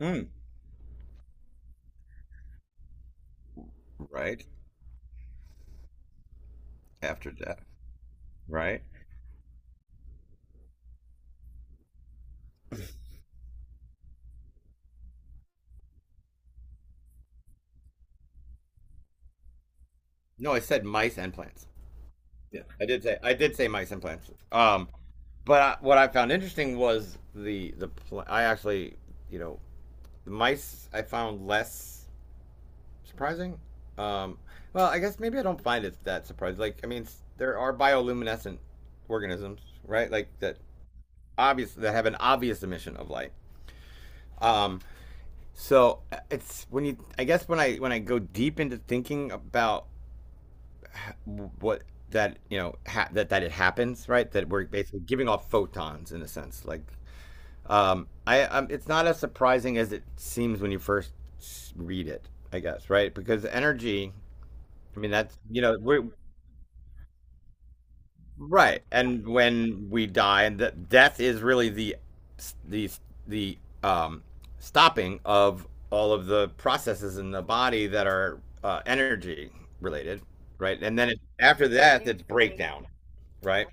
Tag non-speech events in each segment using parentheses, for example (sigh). Mm, right after death, right? No, I said mice and plants. Yeah, I did say mice and plants. But what I found interesting was I actually you know the mice I found less surprising. Um, well, I guess maybe I don't find it that surprising. Like, I mean, there are bioluminescent organisms, right? Like that have an obvious emission of light. Um, so it's when you I guess when I go deep into thinking about what that that it happens, right? That we're basically giving off photons, in a sense, like I it's not as surprising as it seems when you first read it, I guess, right? Because energy, I mean, that's, we're. Right, and when we die, and that death is really the the um stopping of all of the processes in the body that are, energy related. Right, and then after that it's breakdown. Right.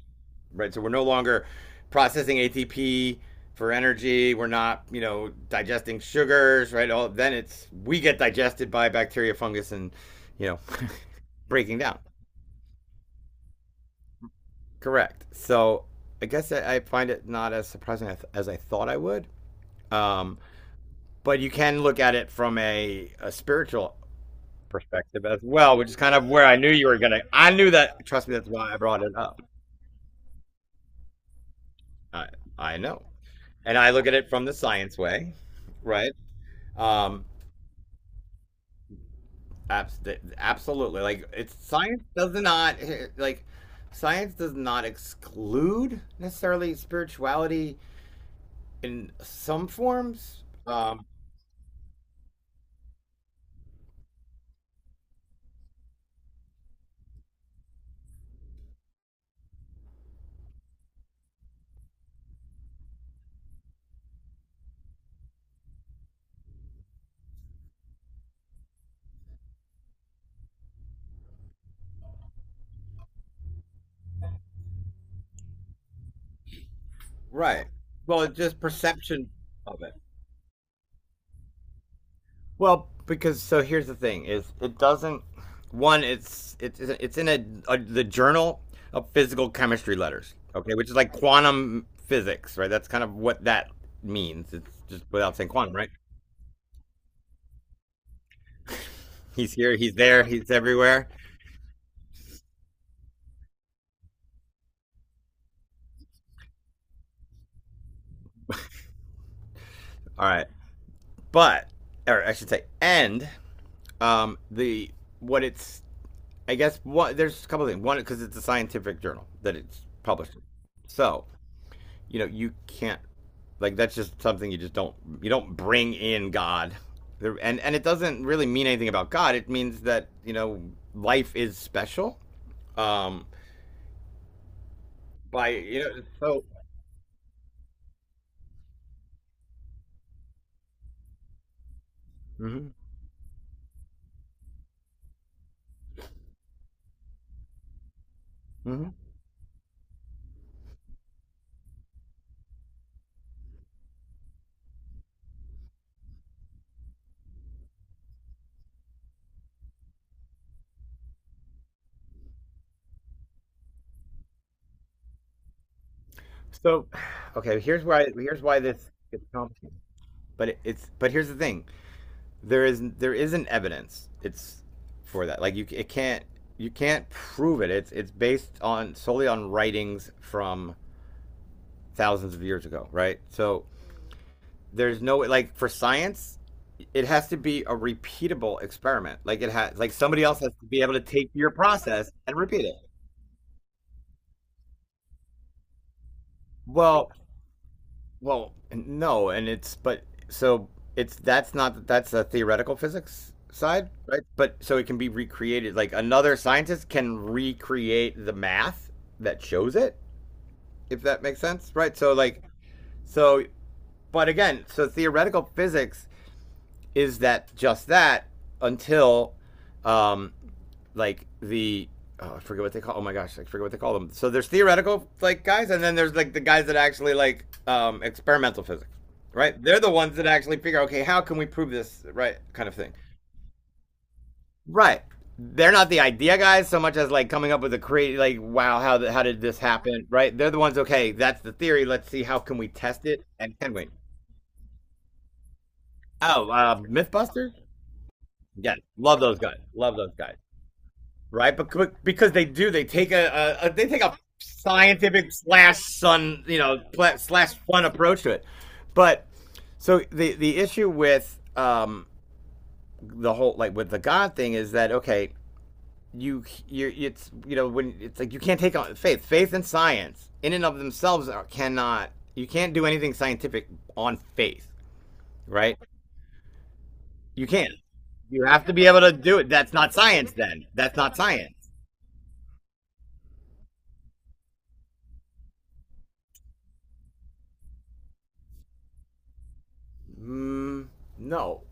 Right? So we're no longer processing ATP for energy. We're not, digesting sugars, right? All, then it's we get digested by bacteria, fungus, and, you know, breaking down. Correct. So I guess I find it not as surprising as I thought I would. Um, but you can look at it from a spiritual perspective as well, which is kind of where I knew you were gonna. I knew that. Trust me, that's why I brought it up. I, I know, and I look at it from the science way, right? Um, Absolutely. Like it's science does not like Science does not exclude necessarily spirituality, in some forms. Right. Well, it's just perception of it. Well, because, so, here's the thing: is it doesn't. One, it's in a the journal of physical chemistry letters. Okay, which is like quantum physics, right? That's kind of what that means. It's just without saying quantum, right? He's here, he's there, he's everywhere. All right. but Or I should say, and, the what it's I guess, what there's a couple of things. One, because it's a scientific journal that it's published in. So, you can't, like, that's just something you don't bring in God. And it doesn't really mean anything about God. It means that, life is special, um, by, so. Mhm. Mhm. So, (sighs) okay, here's why, this gets complicated. But it, it's but here's the thing: there isn't evidence, it's for that. Like, you can't prove It's based on solely on writings from thousands of years ago, right? So there's no, like, for science it has to be a repeatable experiment. Like, it has, like somebody else has to be able to take your process and repeat it. well Well, no, and it's, but so, it's that's not that's a theoretical physics side, right? But so it can be recreated. Like, another scientist can recreate the math that shows it, if that makes sense, right? So, so so theoretical physics is that, just that, until, um, like the oh, I forget what they call. Oh my gosh, I forget what they call them. So there's theoretical, like, guys, and then there's, like, the guys that actually, like, experimental physics, right? They're the ones that actually figure, okay, how can we prove this, right? Kind of thing, right? They're not the idea guys so much as like coming up with a create like wow how the, how did this happen, right? They're the ones, okay, that's the theory, let's see, how can we test it, and can we? Oh, MythBuster. Yes, love those guys, love those guys. Right? But because they do, they take a scientific slash sun, slash fun approach to it. But so the issue with, the whole, like, with the God thing, is that, okay, you, it's you know when it's, like, you can't take on faith. Faith and science, in and of themselves, are, cannot you can't do anything scientific on faith, right? You can't. You have to be able to do it. That's not science then. That's not science. Mm, no.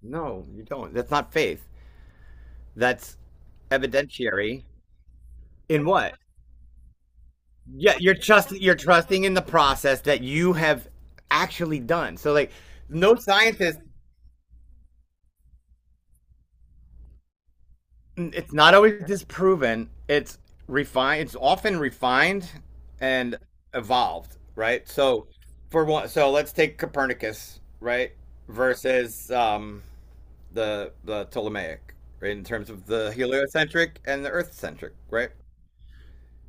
No, you don't. That's not faith. That's evidentiary. In what? Yeah, you're trusting in the process that you have actually done. So, like no scientist it's not always disproven. It's often refined and evolved, right? So for one, let's take Copernicus, right? Versus, the Ptolemaic, right? In terms of the heliocentric and the earth centric, right?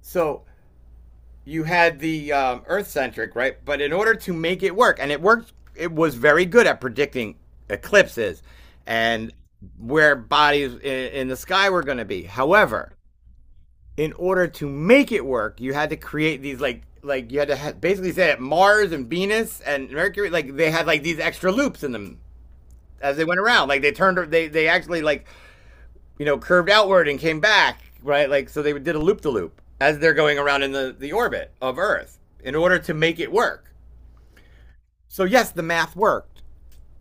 So you had the, Earth centric, right? But in order to make it work, and it worked, it was very good at predicting eclipses and where bodies in the sky were going to be. However, in order to make it work, you had to create these, like you had to, basically say that Mars and Venus and Mercury, like, they had, like, these extra loops in them as they went around. Like, they turned they actually, like, curved outward and came back, right? Like, so they did a loop the loop as they're going around in the orbit of Earth, in order to make it work. So, yes, the math worked.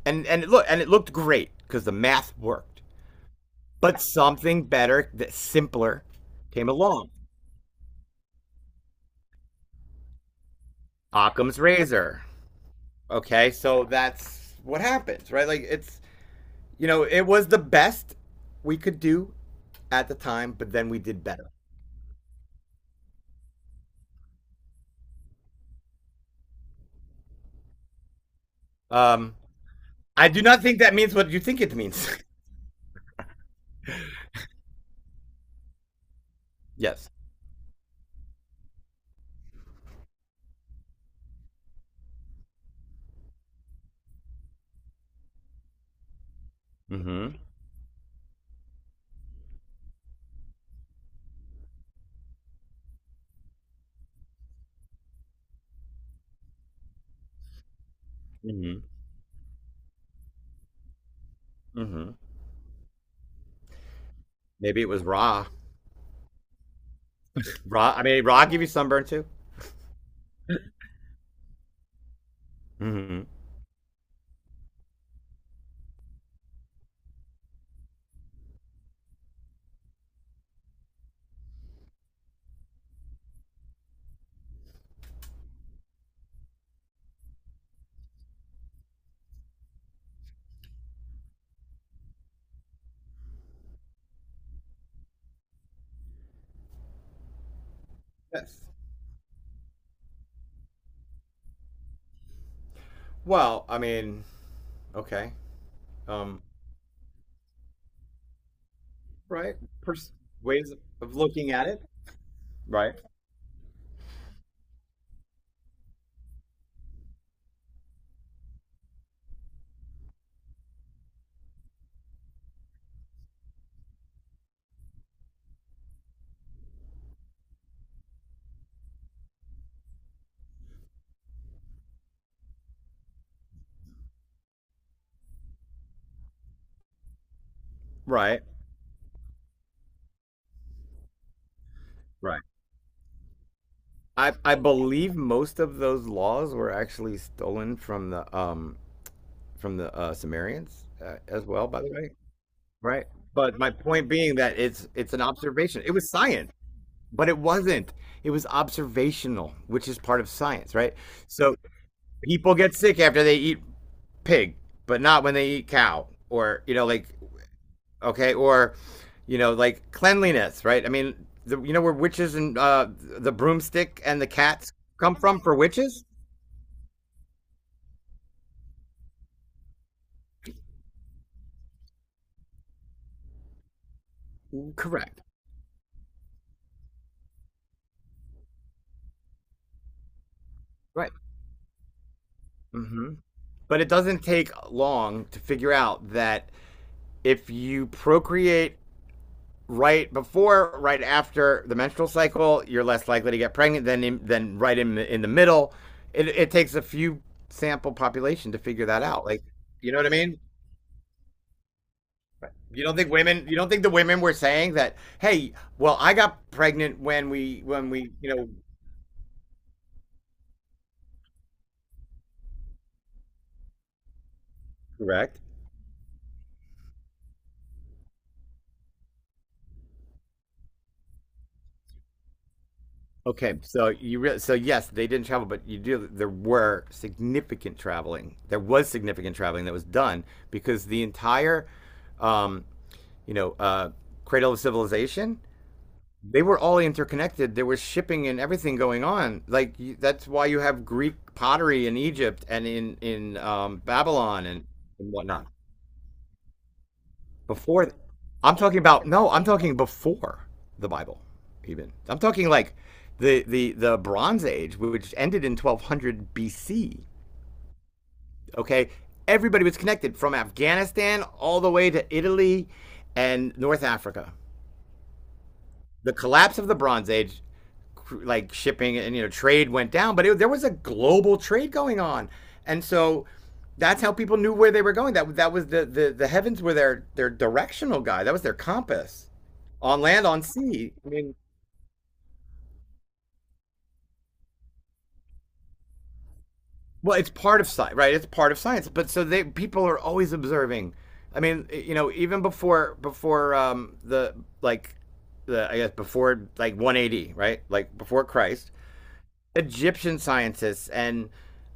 And it looked great because the math worked, but something better, that simpler, came along. Occam's Razor. Okay, so that's what happens, right? Like, it's you know it was the best we could do at the time, but then we did better. Um, I do not think that means what you think it means. (laughs) Yes. Mm-hmm. Hmm. Hmm. Maybe it was raw. Raw. I mean, raw give you sunburn too. Hmm. Yes. Well, I mean, okay. Um, right. Pers- Ways of looking at it. Right. Right. Right. I believe most of those laws were actually stolen from the, Sumerians, as well. By the way. Right. But my point being that it's an observation. It was science, but it wasn't. It was observational, which is part of science, right? So people get sick after they eat pig, but not when they eat cow, or, like, okay, or, like, cleanliness, right? I mean, you know where witches and, the broomstick and the cats come from for witches? Correct. Right. Hmm. But it doesn't take long to figure out that if you procreate right before, right after the menstrual cycle, you're less likely to get pregnant than, than right in the middle. It takes a few sample population to figure that out. Like, you know what I mean? You don't think women? You don't think the women were saying that? Hey, well, I got pregnant when we, correct. Okay, so you re- so yes, they didn't travel, but you do. There were significant traveling. There was significant traveling that was done, because the entire, um, you know, uh, cradle of civilization. They were all interconnected. There was shipping and everything going on. Like, that's why you have Greek pottery in Egypt, and in Babylon, and whatnot. Before, I'm talking about no, I'm talking before the Bible, even. I'm talking like the Bronze Age, which ended in 1200 BC. Okay, everybody was connected from Afghanistan all the way to Italy and North Africa. The collapse of the Bronze Age, like, shipping and, trade went down, but there was a global trade going on, and so that's how people knew where they were going. That was the heavens, were their directional guide. That was their compass, on land, on sea. I mean, well, it's part of science, right? It's part of science. But so, they people are always observing. I mean, even before, the like the I guess, before, like, 180, right? Like, before Christ, Egyptian scientists and,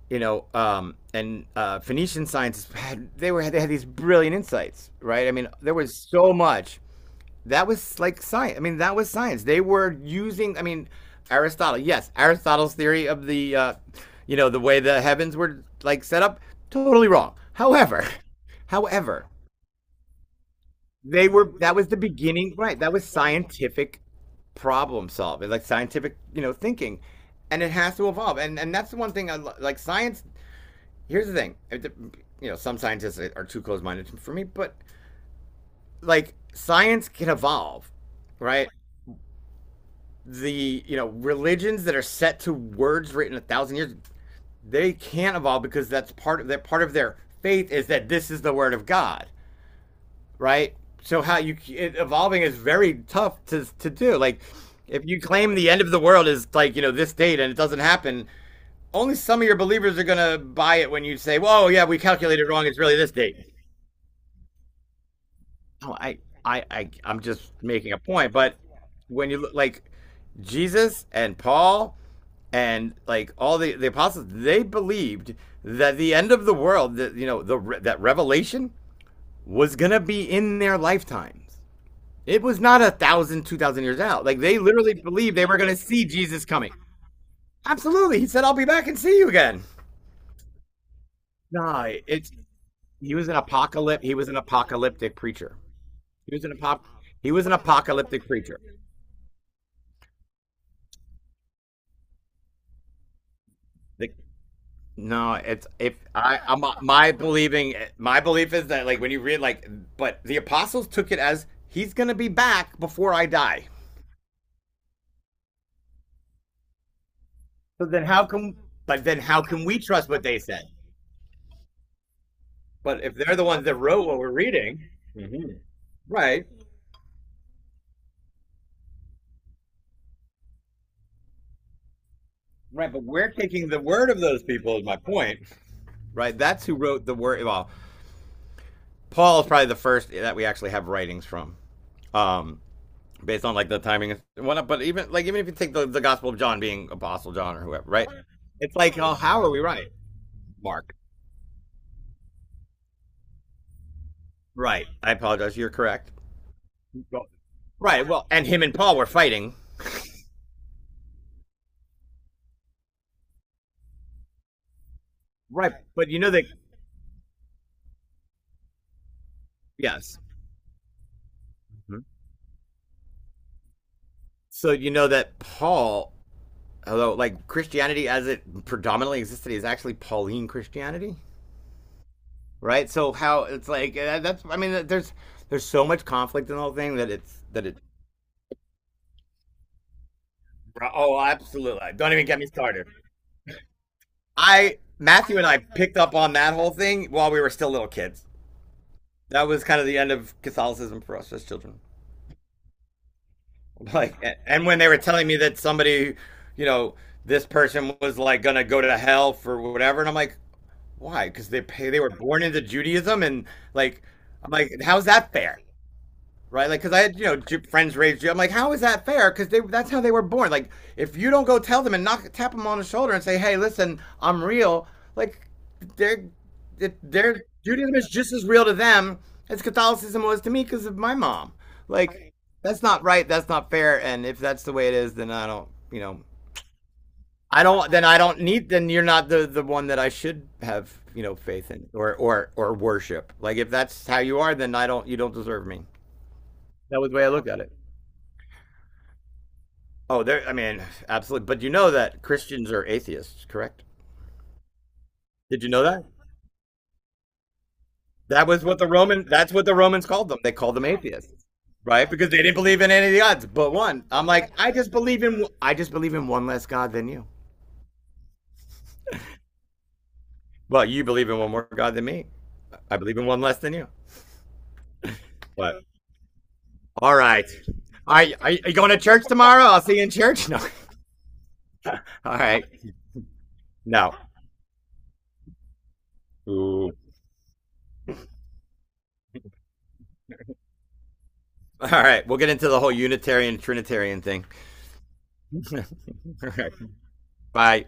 and, Phoenician scientists, had they were they had these brilliant insights, right? I mean, there was so much that was like science. I mean, that was science. They were using. I mean, Aristotle. Yes, Aristotle's theory of the way the heavens were, like, set up. Totally wrong. However, (laughs) however, they were. That was the beginning. Right. That was scientific problem solving, like scientific, thinking, and it has to evolve. And that's the one thing I like. Science. Here's the thing. Some scientists are too close minded for me, but, like, science can evolve, right? The religions that are set to words written a thousand years, they can't evolve because that's part of that part of their faith, is that this is the word of god. Right. So evolving is very tough to do, like, if you claim the end of the world is, like, this date, and it doesn't happen, only some of your believers are gonna buy it when you say, "Whoa, yeah, we calculated wrong, it's really this date." No. I'm just making a point. But when you look, like, Jesus and Paul and, like, all the apostles, they believed that the end of the world, that, the that revelation, was gonna be in their lifetimes. It was not a thousand, 2,000 years out. Like, they literally believed they were gonna see Jesus coming. Absolutely, he said, "I'll be back and see you again." Nah, it's he was an apocalypse. He was an apocalyptic preacher. He was an apop. He was an apocalyptic preacher. The No, it's if I I'm, my belief is that, like, when you read, like, but the apostles took it as he's gonna be back before I die. So then how can But then how can we trust what they said? But if they're the ones that wrote what we're reading, mm-hmm, right? Right, but we're taking the word of those people is my point. Right, that's who wrote the word. Well, Paul is probably the first that we actually have writings from. Um, Based on, like, the timing and whatnot. But even, like, even if you take the Gospel of John being Apostle John or whoever, right? It's like, oh, how are we right, Mark? Right. I apologize. You're correct. Well- Right. Well, and him and Paul were fighting. Right. But you know that. Yes. Mhm. So you know that Paul, although, like, Christianity as it predominantly existed is actually Pauline Christianity, right? So how it's like, that's, I mean, there's so much conflict in the whole thing, that it's that it... Oh, absolutely! Don't even get me started. I Matthew and I picked up on that whole thing while we were still little kids. That was kind of the end of Catholicism for us as children. (laughs) Like, and when they were telling me that somebody, you know, this person was, like, gonna go to hell for whatever, and I'm like, why? Because they were born into Judaism, and, like, I'm like, how's that fair? Right? Like, because I had, friends raised you. I'm like, how is that fair? Because they that's how they were born. Like, if you don't go tell them and knock tap them on the shoulder and say, hey, listen, I'm real. Like, they're they're Judaism is just as real to them as Catholicism was to me because of my mom. Like, that's not right. That's not fair. And if that's the way it is, then I don't. I don't. Then I don't need. Then you're not the one that I should have. Faith in or worship. Like, if that's how you are, then I don't. You don't deserve me. That was the way I looked at it. Oh, there. I mean, absolutely. But you know that Christians are atheists, correct? Did you know that? That was what the Roman. That's what the Romans called them. They called them atheists, right? Because they didn't believe in any of the gods but one. I'm like, I just believe in one less god than you. Well, you believe in one more god than me. I believe in one less than you. But all right, are you going to church tomorrow? I'll see you in church. (laughs) No. All right. No. Ooh. All right. We'll get into the whole Unitarian Trinitarian thing. (laughs) All right. Bye.